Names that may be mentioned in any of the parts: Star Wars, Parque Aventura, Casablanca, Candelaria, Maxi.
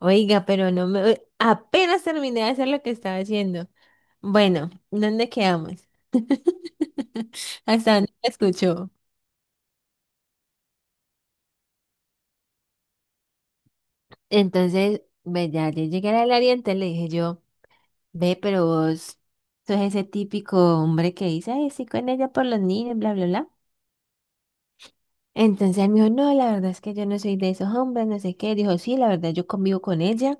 Oiga, pero no me... apenas terminé de hacer lo que estaba haciendo. Bueno, ¿dónde quedamos? Hasta dónde me escuchó. Entonces, ve, ya yo llegué al área, entonces le dije yo, ve, pero vos sos ese típico hombre que dice, ay, sí, con ella por los niños, bla, bla, bla. Entonces él me dijo, no, la verdad es que yo no soy de esos hombres, no sé qué. Dijo, sí, la verdad yo convivo con ella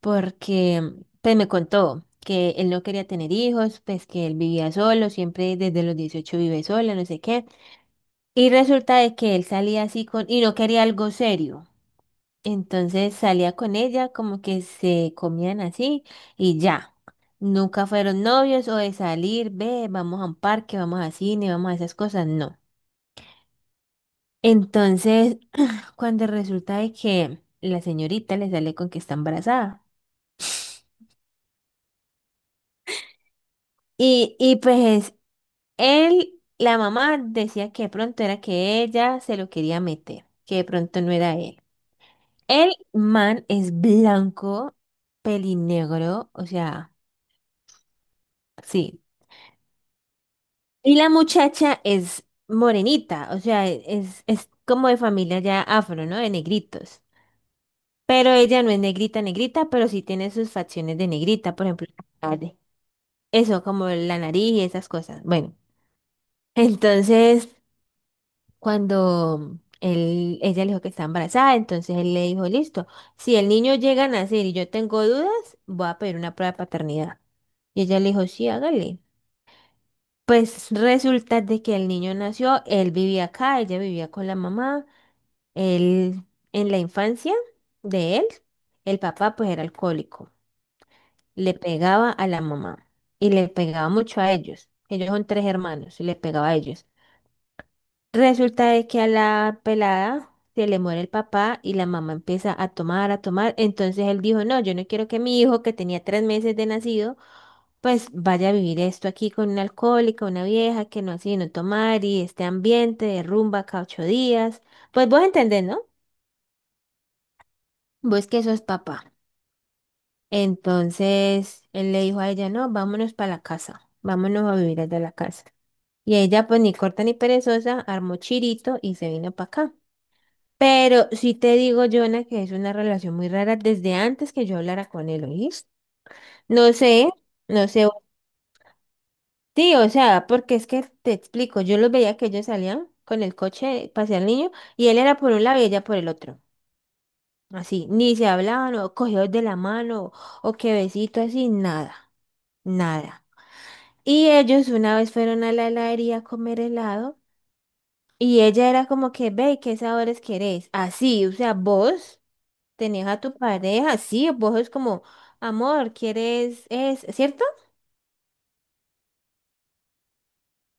porque, pues me contó que él no quería tener hijos, pues que él vivía solo, siempre desde los 18 vive solo, no sé qué. Y resulta de que él salía así y no quería algo serio. Entonces salía con ella, como que se comían así y ya. Nunca fueron novios o de salir, ve, vamos a un parque, vamos a cine, vamos a esas cosas, no. Entonces cuando resulta de que la señorita le sale con que está embarazada. Y pues él, la mamá decía que de pronto era que ella se lo quería meter, que de pronto no era él. El man es blanco, pelinegro, o sea, sí. Y la muchacha es morenita, o sea, es como de familia ya afro, ¿no? De negritos. Pero ella no es negrita, negrita, pero sí tiene sus facciones de negrita, por ejemplo. Eso, como la nariz y esas cosas. Bueno, entonces cuando ella le dijo que está embarazada, entonces él le dijo, listo, si el niño llega a nacer y yo tengo dudas, voy a pedir una prueba de paternidad. Y ella le dijo, sí, hágale. Pues resulta de que el niño nació, él vivía acá, ella vivía con la mamá, él en la infancia de él, el papá pues era alcohólico, le pegaba a la mamá y le pegaba mucho a ellos. Ellos son tres hermanos y le pegaba a ellos. Resulta de que a la pelada se le muere el papá y la mamá empieza a tomar, a tomar. Entonces él dijo, no, yo no quiero que mi hijo, que tenía 3 meses de nacido, pues vaya a vivir esto aquí con una alcohólica, una vieja que no hace no tomar y este ambiente de rumba cada 8 días. Pues vos entendés, ¿no? Vos que sos papá. Entonces él le dijo a ella, no, vámonos para la casa, vámonos a vivir desde la casa. Y ella, pues ni corta ni perezosa, armó chirito y se vino para acá. Pero sí te digo, Jonah, que es una relación muy rara desde antes que yo hablara con él, ¿oíste? No sé, no sé. Sí, o sea, porque es que te explico, yo los veía que ellos salían con el coche, pasé al niño, y él era por un lado y ella por el otro. Así, ni se hablaban, o cogidos de la mano, o que besito, así, nada, nada. Y ellos una vez fueron a la heladería a comer helado, y ella era como que, ve, ¿qué sabores querés? Así, o sea, vos. Tenés a tu pareja, sí, vos es como, amor, ¿quieres es, ¿cierto?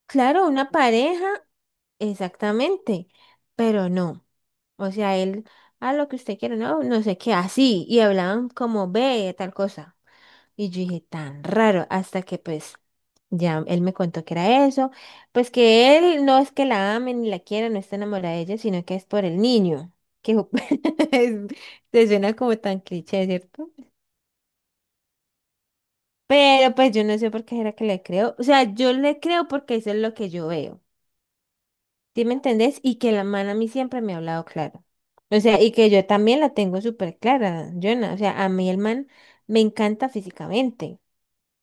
Claro, una pareja, exactamente, pero no. O sea, él, a lo que usted quiere, no, no sé qué, así, y hablaban como ve, tal cosa. Y yo dije, tan raro, hasta que pues ya él me contó que era eso, pues que él no es que la ame ni la quiera, no está enamorada de ella, sino que es por el niño, que te suena como tan cliché, ¿cierto? Pero pues yo no sé por qué era que le creo. O sea, yo le creo porque eso es lo que yo veo. ¿Sí me entendés? Y que la man a mí siempre me ha hablado claro. O sea, y que yo también la tengo súper clara, Jonah. O sea, a mí el man me encanta físicamente.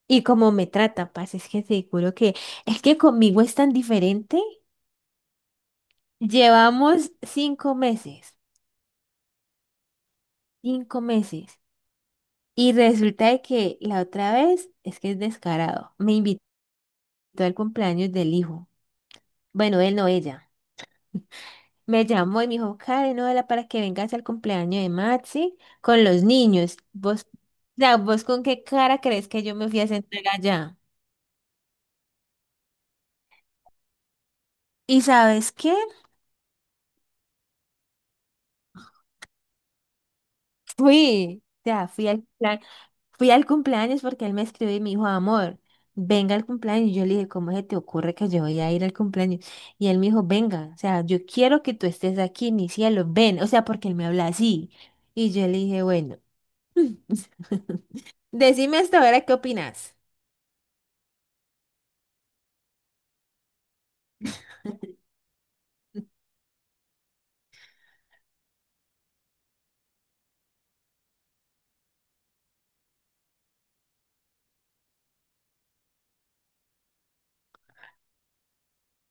Y como me trata, paz, es que seguro que es que conmigo es tan diferente. Llevamos 5 meses, 5 meses. Y resulta de que la otra vez es que es descarado. Me invitó al cumpleaños del hijo. Bueno, él no, ella. Me llamó y me dijo, Karen, hola, para que vengas al cumpleaños de Maxi con los niños. ¿Vos, o sea, vos con qué cara crees que yo me fui a sentar allá? ¿Y sabes qué? Fui, ya fui al plan, fui al cumpleaños porque él me escribió y me dijo, amor, venga al cumpleaños. Y yo le dije, ¿cómo se te ocurre que yo voy a ir al cumpleaños? Y él me dijo, venga, o sea, yo quiero que tú estés aquí, mi cielo, ven, o sea, porque él me habla así. Y yo le dije, bueno, decime hasta ahora qué opinas.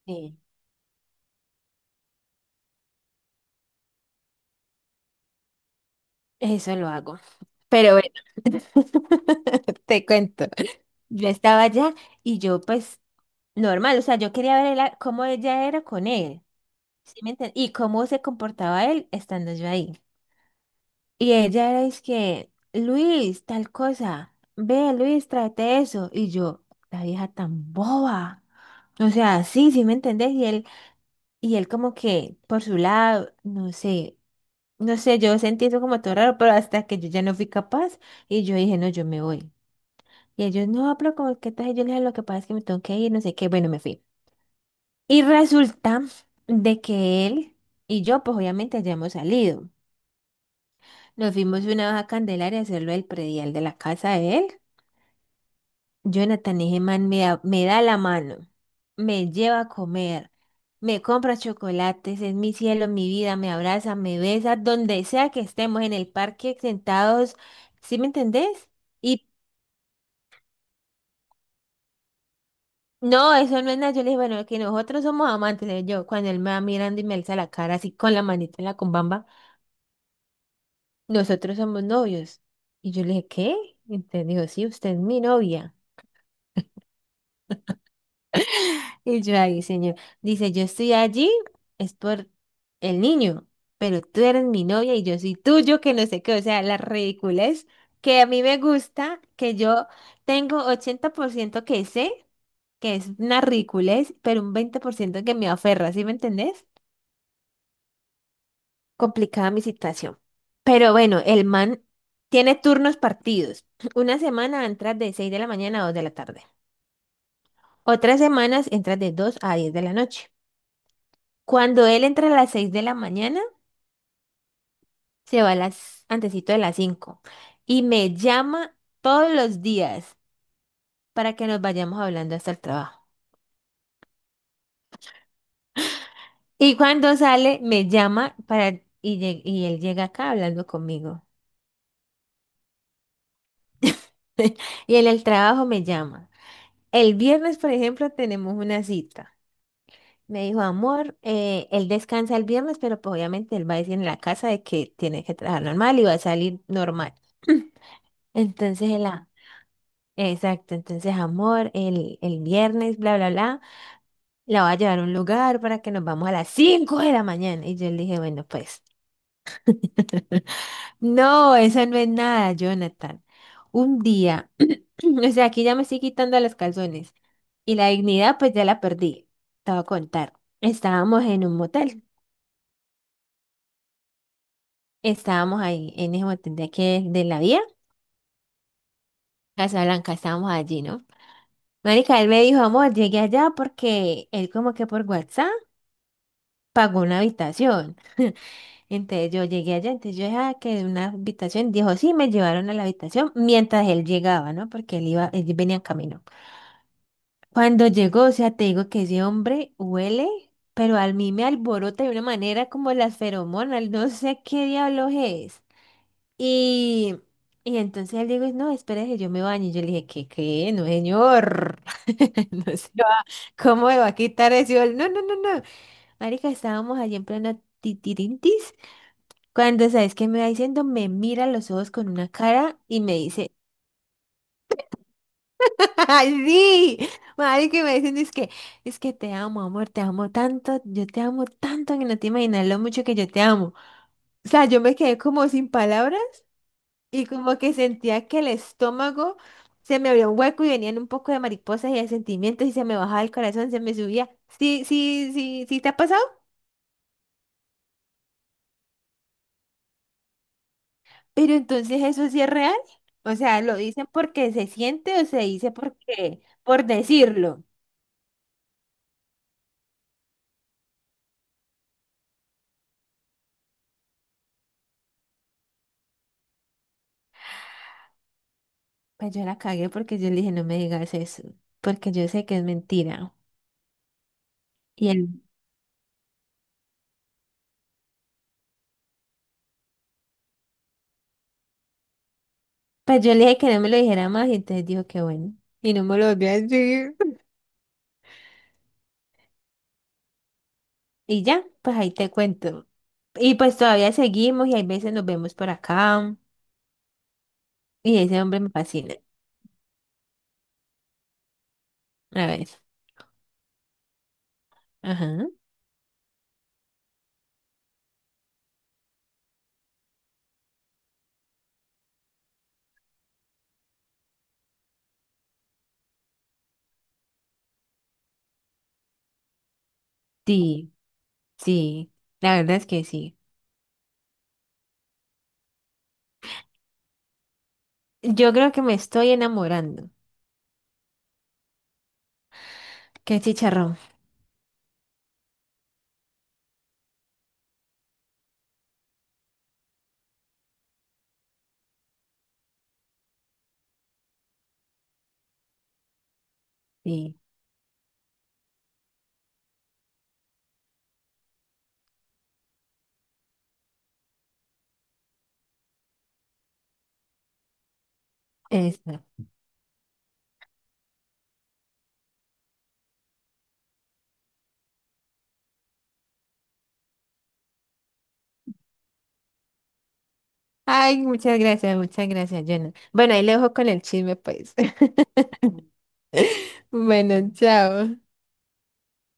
Sí. Eso lo hago. Pero bueno, te cuento. Yo estaba allá y yo pues normal, o sea, yo quería ver el- cómo ella era con él, ¿sí me entiendes? Y cómo se comportaba él estando yo ahí. Y ella era, es que, Luis, tal cosa, ve, Luis, tráete eso. Y yo, la vieja tan boba. O sea, sí, sí me entendés. Y él como que por su lado, no sé, no sé, yo sentí eso como todo raro, pero hasta que yo ya no fui capaz y yo dije, no, yo me voy. Y ellos, no, pero como que tal, y yo le dije, lo que pasa es que me tengo que ir, no sé qué, bueno, me fui. Y resulta de que él y yo, pues obviamente ya hemos salido. Nos fuimos una vez a Candelaria a hacerlo el predial de la casa de él. Jonathan, ese man me da la mano, me lleva a comer, me compra chocolates, es mi cielo, mi vida, me abraza, me besa, donde sea que estemos en el parque sentados, ¿sí me entendés? Y no, eso no es nada. Yo le dije, bueno, que nosotros somos amantes. Le dije yo, cuando él me va mirando y me alza la cara así con la manita en la cumbamba, nosotros somos novios. Y yo le dije, ¿qué? Entonces dijo, sí, usted es mi novia. Y yo, ahí, señor. Dice, yo estoy allí, es por el niño, pero tú eres mi novia y yo soy tuyo, que no sé qué. O sea, la ridiculez que a mí me gusta, que yo tengo 80% que sé, que es una ridiculez, pero un 20% que me aferra, ¿sí me entendés? Complicada mi situación. Pero bueno, el man tiene turnos partidos. Una semana entras de 6 de la mañana a 2 de la tarde. Otras semanas entras de 2 a 10 de la noche. Cuando él entra a las 6 de la mañana, se va a las antesito de las 5 y me llama todos los días para que nos vayamos hablando hasta el trabajo. Y cuando sale, me llama para y, y él llega acá hablando conmigo. Y en el trabajo me llama. El viernes, por ejemplo, tenemos una cita. Me dijo, amor, él descansa el viernes, pero pues obviamente él va a decir en la casa de que tiene que trabajar normal y va a salir normal. Entonces, exacto, entonces, amor, el viernes, bla, bla, bla, la va a llevar a un lugar para que nos vamos a las 5 de la mañana. Y yo le dije, bueno, pues, no, eso no es nada, Jonathan. Un día, o sea, aquí ya me estoy quitando los calzones y la dignidad, pues ya la perdí. Te voy a contar. Estábamos en un motel. Estábamos ahí en ese montón de aquí de la vía, Casablanca, estábamos allí, ¿no? Marica, él me dijo, amor, llegué allá porque él como que por WhatsApp pagó una habitación. Entonces yo llegué allá, entonces yo dejaba que una habitación, dijo, sí, me llevaron a la habitación mientras él llegaba, ¿no? Porque él iba, él venía en camino. Cuando llegó, o sea, te digo que ese hombre huele, pero a mí me alborota de una manera como las feromonas, no sé qué diablos es. Y, y entonces él dijo, no, espérese, yo me baño. Y yo le dije, ¿qué, qué? No, señor. No se va. ¿Cómo me va a quitar eso? Y él, no, no, no, no. Marica, estábamos allí en pleno titirintis. Cuando, ¿sabes qué me va diciendo? Me mira a los ojos con una cara y me dice, ¡ay, sí! Marica, y me dicen, es que te amo, amor, te amo tanto, yo te amo tanto que no te imaginas lo mucho que yo te amo. O sea, yo me quedé como sin palabras. Y como que sentía que el estómago se me abría un hueco y venían un poco de mariposas y de sentimientos y se me bajaba el corazón, se me subía. Sí, sí, sí, sí te ha pasado, pero entonces eso sí es real. O sea, ¿lo dicen porque se siente o se dice porque, por decirlo? Pues yo la cagué porque yo le dije, no me digas eso, porque yo sé que es mentira. Y él, pues yo le dije que no me lo dijera más y entonces dijo que bueno. Y no me lo volvió a decir. Y ya, pues ahí te cuento. Y pues todavía seguimos y hay veces nos vemos por acá. Y ese hombre me fascina. A ver. Ajá. Sí, sí. La verdad es que sí. Yo creo que me estoy enamorando. Qué chicharrón. Sí, eso. Ay, muchas gracias, Jonah. Bueno, ahí le dejo con el chisme, pues. Bueno, chao.